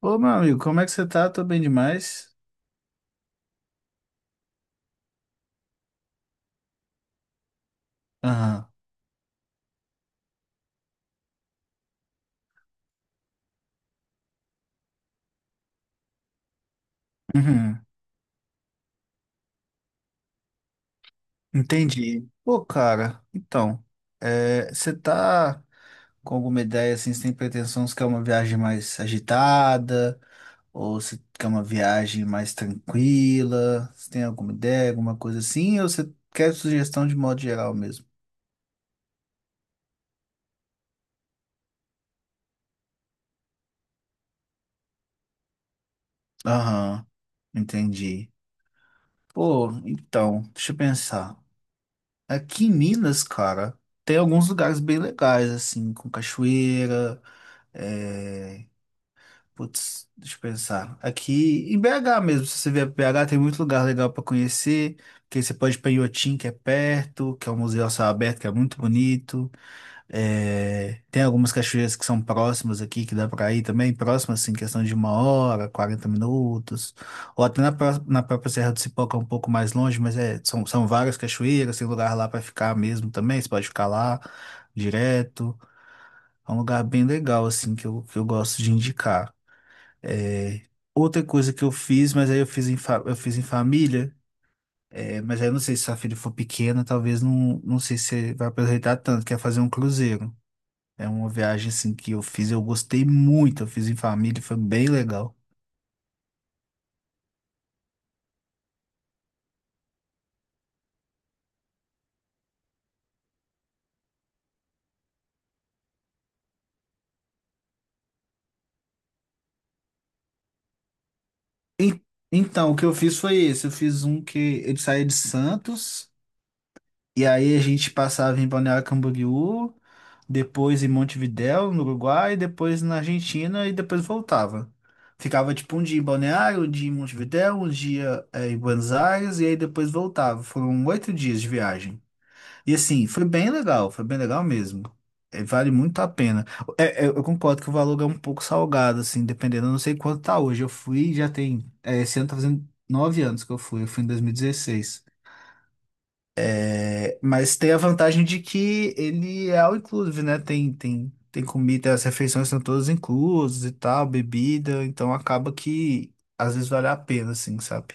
Ô, meu amigo, como é que você tá? Tô bem demais. Aham. Uhum. Entendi. Pô, cara, então, é, você tá com alguma ideia, assim, você tem pretensão, você quer uma viagem mais agitada? Ou você quer uma viagem mais tranquila? Você tem alguma ideia, alguma coisa assim? Ou você quer sugestão de modo geral mesmo? Aham, entendi. Pô, então, deixa eu pensar. Aqui em Minas, cara, tem alguns lugares bem legais, assim, com cachoeira. É, putz, deixa eu pensar. Aqui em BH mesmo, se você vier para BH, tem muito lugar legal para conhecer. Porque você pode ir para Inhotim, que é perto, que é um museu a céu aberto, que é muito bonito. É, tem algumas cachoeiras que são próximas aqui, que dá para ir também, próximas, assim, questão de uma hora, 40 minutos. Ou até na própria Serra do Cipó, que é um pouco mais longe, mas é, são várias cachoeiras, tem lugar lá para ficar mesmo também, você pode ficar lá direto. É um lugar bem legal, assim, que eu gosto de indicar. É, outra coisa que eu fiz, mas aí eu fiz em família, é, mas aí eu não sei se sua filha for pequena, talvez não, não sei se você vai aproveitar tanto, que é fazer um cruzeiro. É uma viagem, assim, que eu fiz, eu gostei muito, eu fiz em família, foi bem legal. E- então, o que eu fiz foi esse, eu fiz um que ele saía de Santos, e aí a gente passava em Balneário Camboriú, depois em Montevidéu, no Uruguai, depois na Argentina e depois voltava. Ficava tipo um dia em Balneário, um dia em Montevidéu, um dia em Buenos Aires e aí depois voltava. Foram 8 dias de viagem. E assim, foi bem legal mesmo. Vale muito a pena. É, eu concordo que o valor é um pouco salgado, assim, dependendo, eu não sei quanto tá hoje. Eu fui, já tem, esse ano tá fazendo 9 anos que eu fui em 2016. É, mas tem a vantagem de que ele é all inclusive, né? Tem comida, as refeições são todas inclusas e tal, bebida, então acaba que às vezes vale a pena, assim, sabe?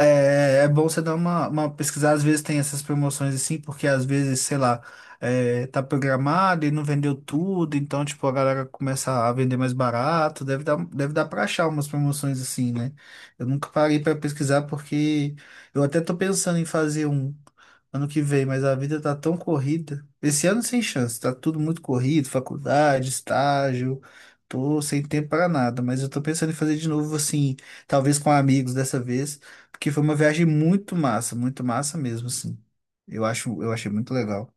É, é bom você dar uma pesquisada, às vezes tem essas promoções assim, porque às vezes, sei lá, é, tá programado e não vendeu tudo, então, tipo, a galera começa a vender mais barato, deve dar pra achar umas promoções assim, né? Eu nunca parei pra pesquisar porque eu até tô pensando em fazer um ano que vem, mas a vida tá tão corrida. Esse ano sem chance, tá tudo muito corrido, faculdade, estágio. Tô sem tempo para nada, mas eu tô pensando em fazer de novo assim, talvez com amigos dessa vez, porque foi uma viagem muito massa mesmo, assim. Eu acho, eu achei muito legal.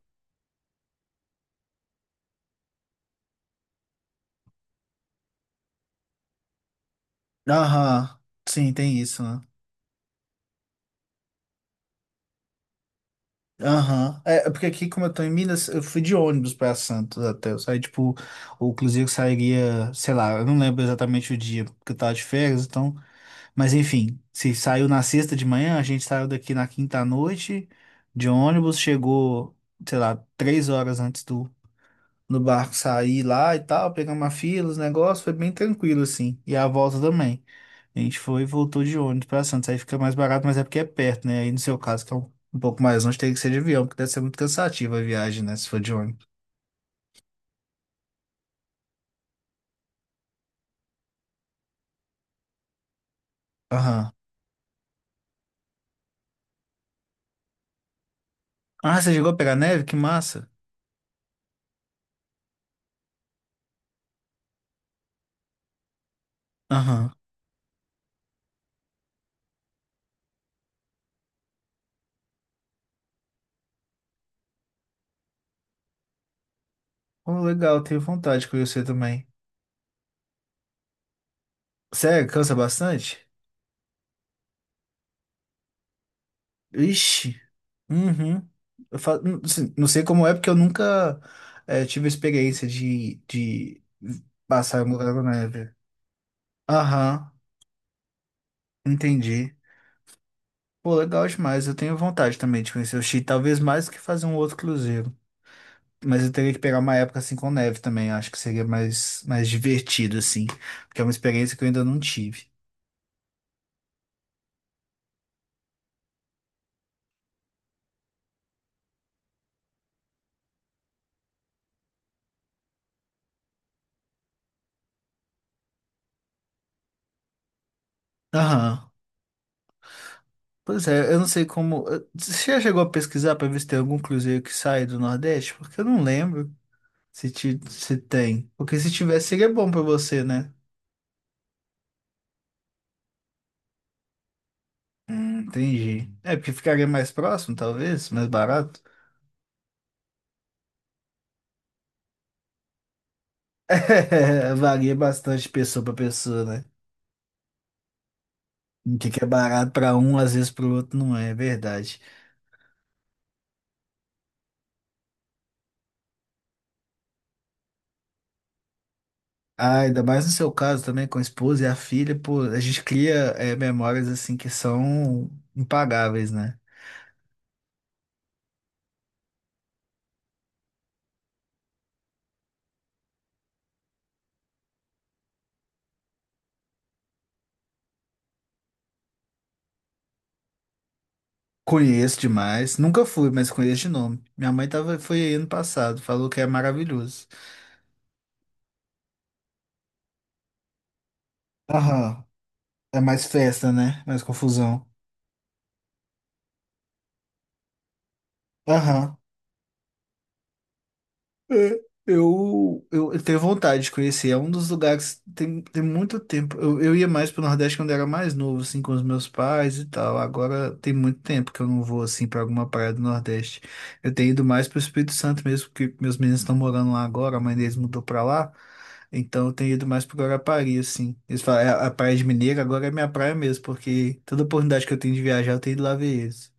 Aham, sim, tem isso, né? Aham. É, é porque aqui, como eu tô em Minas, eu fui de ônibus pra Santos até. Eu saí, tipo, ou inclusive eu sairia, sei lá, eu não lembro exatamente o dia, porque eu tava de férias, então. Mas enfim, se saiu na sexta de manhã, a gente saiu daqui na quinta à noite de ônibus, chegou, sei lá, 3 horas antes do no barco sair lá e tal, pegamos uma fila, os negócios, foi bem tranquilo assim. E a volta também. A gente foi e voltou de ônibus pra Santos, aí fica mais barato, mas é porque é perto, né? Aí no seu caso, que é um pouco mais longe, tem que ser de avião, porque deve ser muito cansativa a viagem, né? Se for de ônibus. Aham. Ah, você chegou a pegar neve? Que massa. Aham. Oh, legal, tenho vontade de conhecer também. Sério, cansa bastante? Ixi. Uhum. Não assim, não sei como é, porque eu nunca tive experiência de passar no Lago Neve. Aham, entendi. Pô, legal demais. Eu tenho vontade também de conhecer o Chile, talvez mais que fazer um outro cruzeiro. Mas eu teria que pegar uma época assim com neve também. Acho que seria mais divertido, assim. Porque é uma experiência que eu ainda não tive. Aham. Pois é, eu não sei como. Você já chegou a pesquisar para ver se tem algum cruzeiro que sai do Nordeste? Porque eu não lembro. Se tem. Porque se tivesse, seria bom pra você, né? Entendi. É, porque ficaria mais próximo, talvez, mais barato. É, varia bastante de pessoa pra pessoa, né? O que que é barato pra um, às vezes pro outro não é, é verdade. Ah, ainda mais no seu caso também, com a esposa e a filha, pô, a gente cria memórias assim que são impagáveis, né? Conheço demais, nunca fui, mas conheço de nome. Minha mãe tava, foi aí ano passado, falou que é maravilhoso. Aham. É mais festa, né? Mais confusão. Aham. É, eu tenho vontade de conhecer. É um dos lugares que tem muito tempo. Eu ia mais pro Nordeste quando era mais novo, assim, com os meus pais e tal. Agora tem muito tempo que eu não vou, assim, pra alguma praia do Nordeste. Eu tenho ido mais pro Espírito Santo mesmo, porque meus meninos estão morando lá agora, a mãe deles mudou pra lá. Então eu tenho ido mais pro Guarapari, assim. Eles falam, "É, a Praia de Mineiro agora é minha praia mesmo, porque toda oportunidade que eu tenho de viajar, eu tenho ido lá ver eles."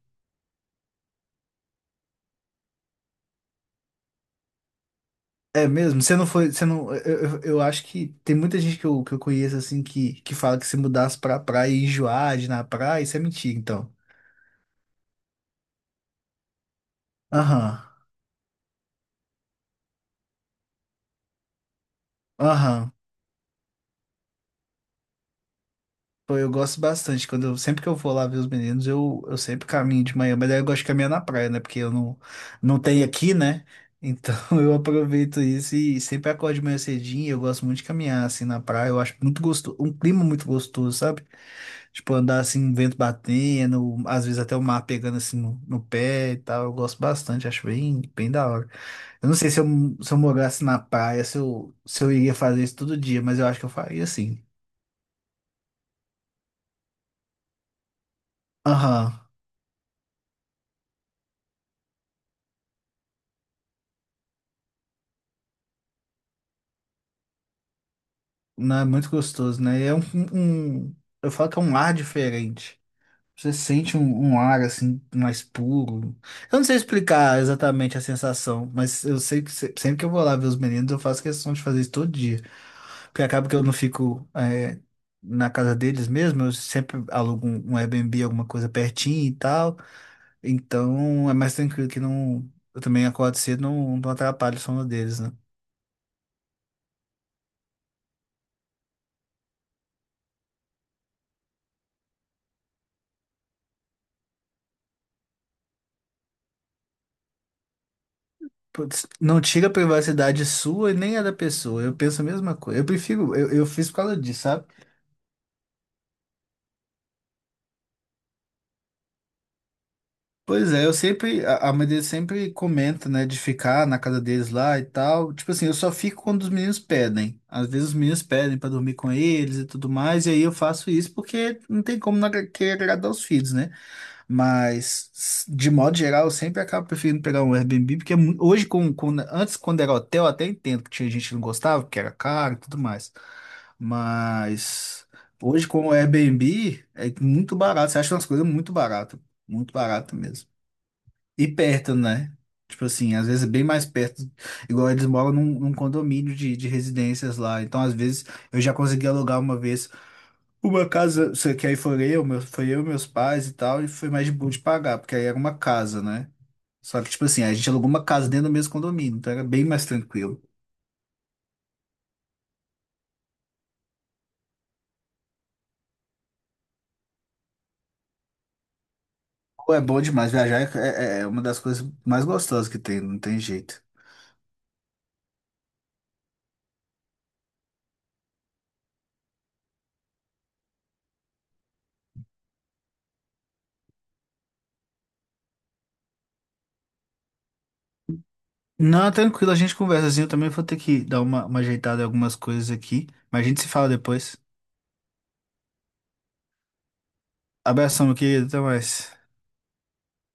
É mesmo? Você não foi. Você não, eu acho que tem muita gente que eu conheço assim que fala que se mudasse pra praia e enjoar de ir na praia, isso é mentira, então. Aham. Aham. Pô, eu gosto bastante. Sempre que eu vou lá ver os meninos, eu sempre caminho de manhã, mas aí eu gosto de caminhar na praia, né? Porque eu não tenho aqui, né? Então eu aproveito isso e sempre acordo de manhã cedinho. Eu gosto muito de caminhar assim na praia. Eu acho muito gostoso, um clima muito gostoso, sabe? Tipo, andar assim, um vento batendo, às vezes até o mar pegando assim no pé e tal. Eu gosto bastante, acho bem, bem da hora. Eu não sei se eu, se eu morasse na praia, se eu iria fazer isso todo dia, mas eu acho que eu faria assim. Aham. Não, é muito gostoso, né? Um- eu falo que é um ar diferente. Você sente um ar assim mais puro. Eu não sei explicar exatamente a sensação, mas eu sei que sempre que eu vou lá ver os meninos, eu faço questão de fazer isso todo dia. Porque acaba que eu não fico na casa deles mesmo, eu sempre alugo um Airbnb, alguma coisa pertinho e tal. Então é mais tranquilo que não. Eu também acordo cedo, não atrapalho o sono deles, né? Putz, não tira a privacidade sua e nem a da pessoa. Eu penso a mesma coisa. Eu prefiro, eu fiz por causa disso, sabe? Pois é, eu sempre, a mãe deles sempre comenta, né, de ficar na casa deles lá e tal. Tipo assim, eu só fico quando os meninos pedem. Às vezes os meninos pedem pra dormir com eles e tudo mais, e aí eu faço isso porque não tem como não querer agradar os filhos, né? Mas, de modo geral, eu sempre acabo preferindo pegar um Airbnb, porque hoje, antes, quando era hotel, eu até entendo que tinha gente que não gostava, porque era caro e tudo mais. Mas, hoje, com o Airbnb, é muito barato. Você acha umas coisas muito barato mesmo. E perto, né? Tipo assim, às vezes é bem mais perto. Igual eles moram num condomínio de residências lá. Então, às vezes, eu já consegui alugar uma vez. Uma casa, isso que aí foi eu, meus pais e tal, e foi mais de boa de pagar, porque aí era uma casa, né? Só que, tipo assim, a gente alugou uma casa dentro do mesmo condomínio, então era bem mais tranquilo. Pô, é bom demais, viajar é uma das coisas mais gostosas que tem, não tem jeito. Não, tranquilo, a gente conversa assim, eu também vou ter que dar uma ajeitada em algumas coisas aqui, mas a gente se fala depois. Abração, meu querido, até mais.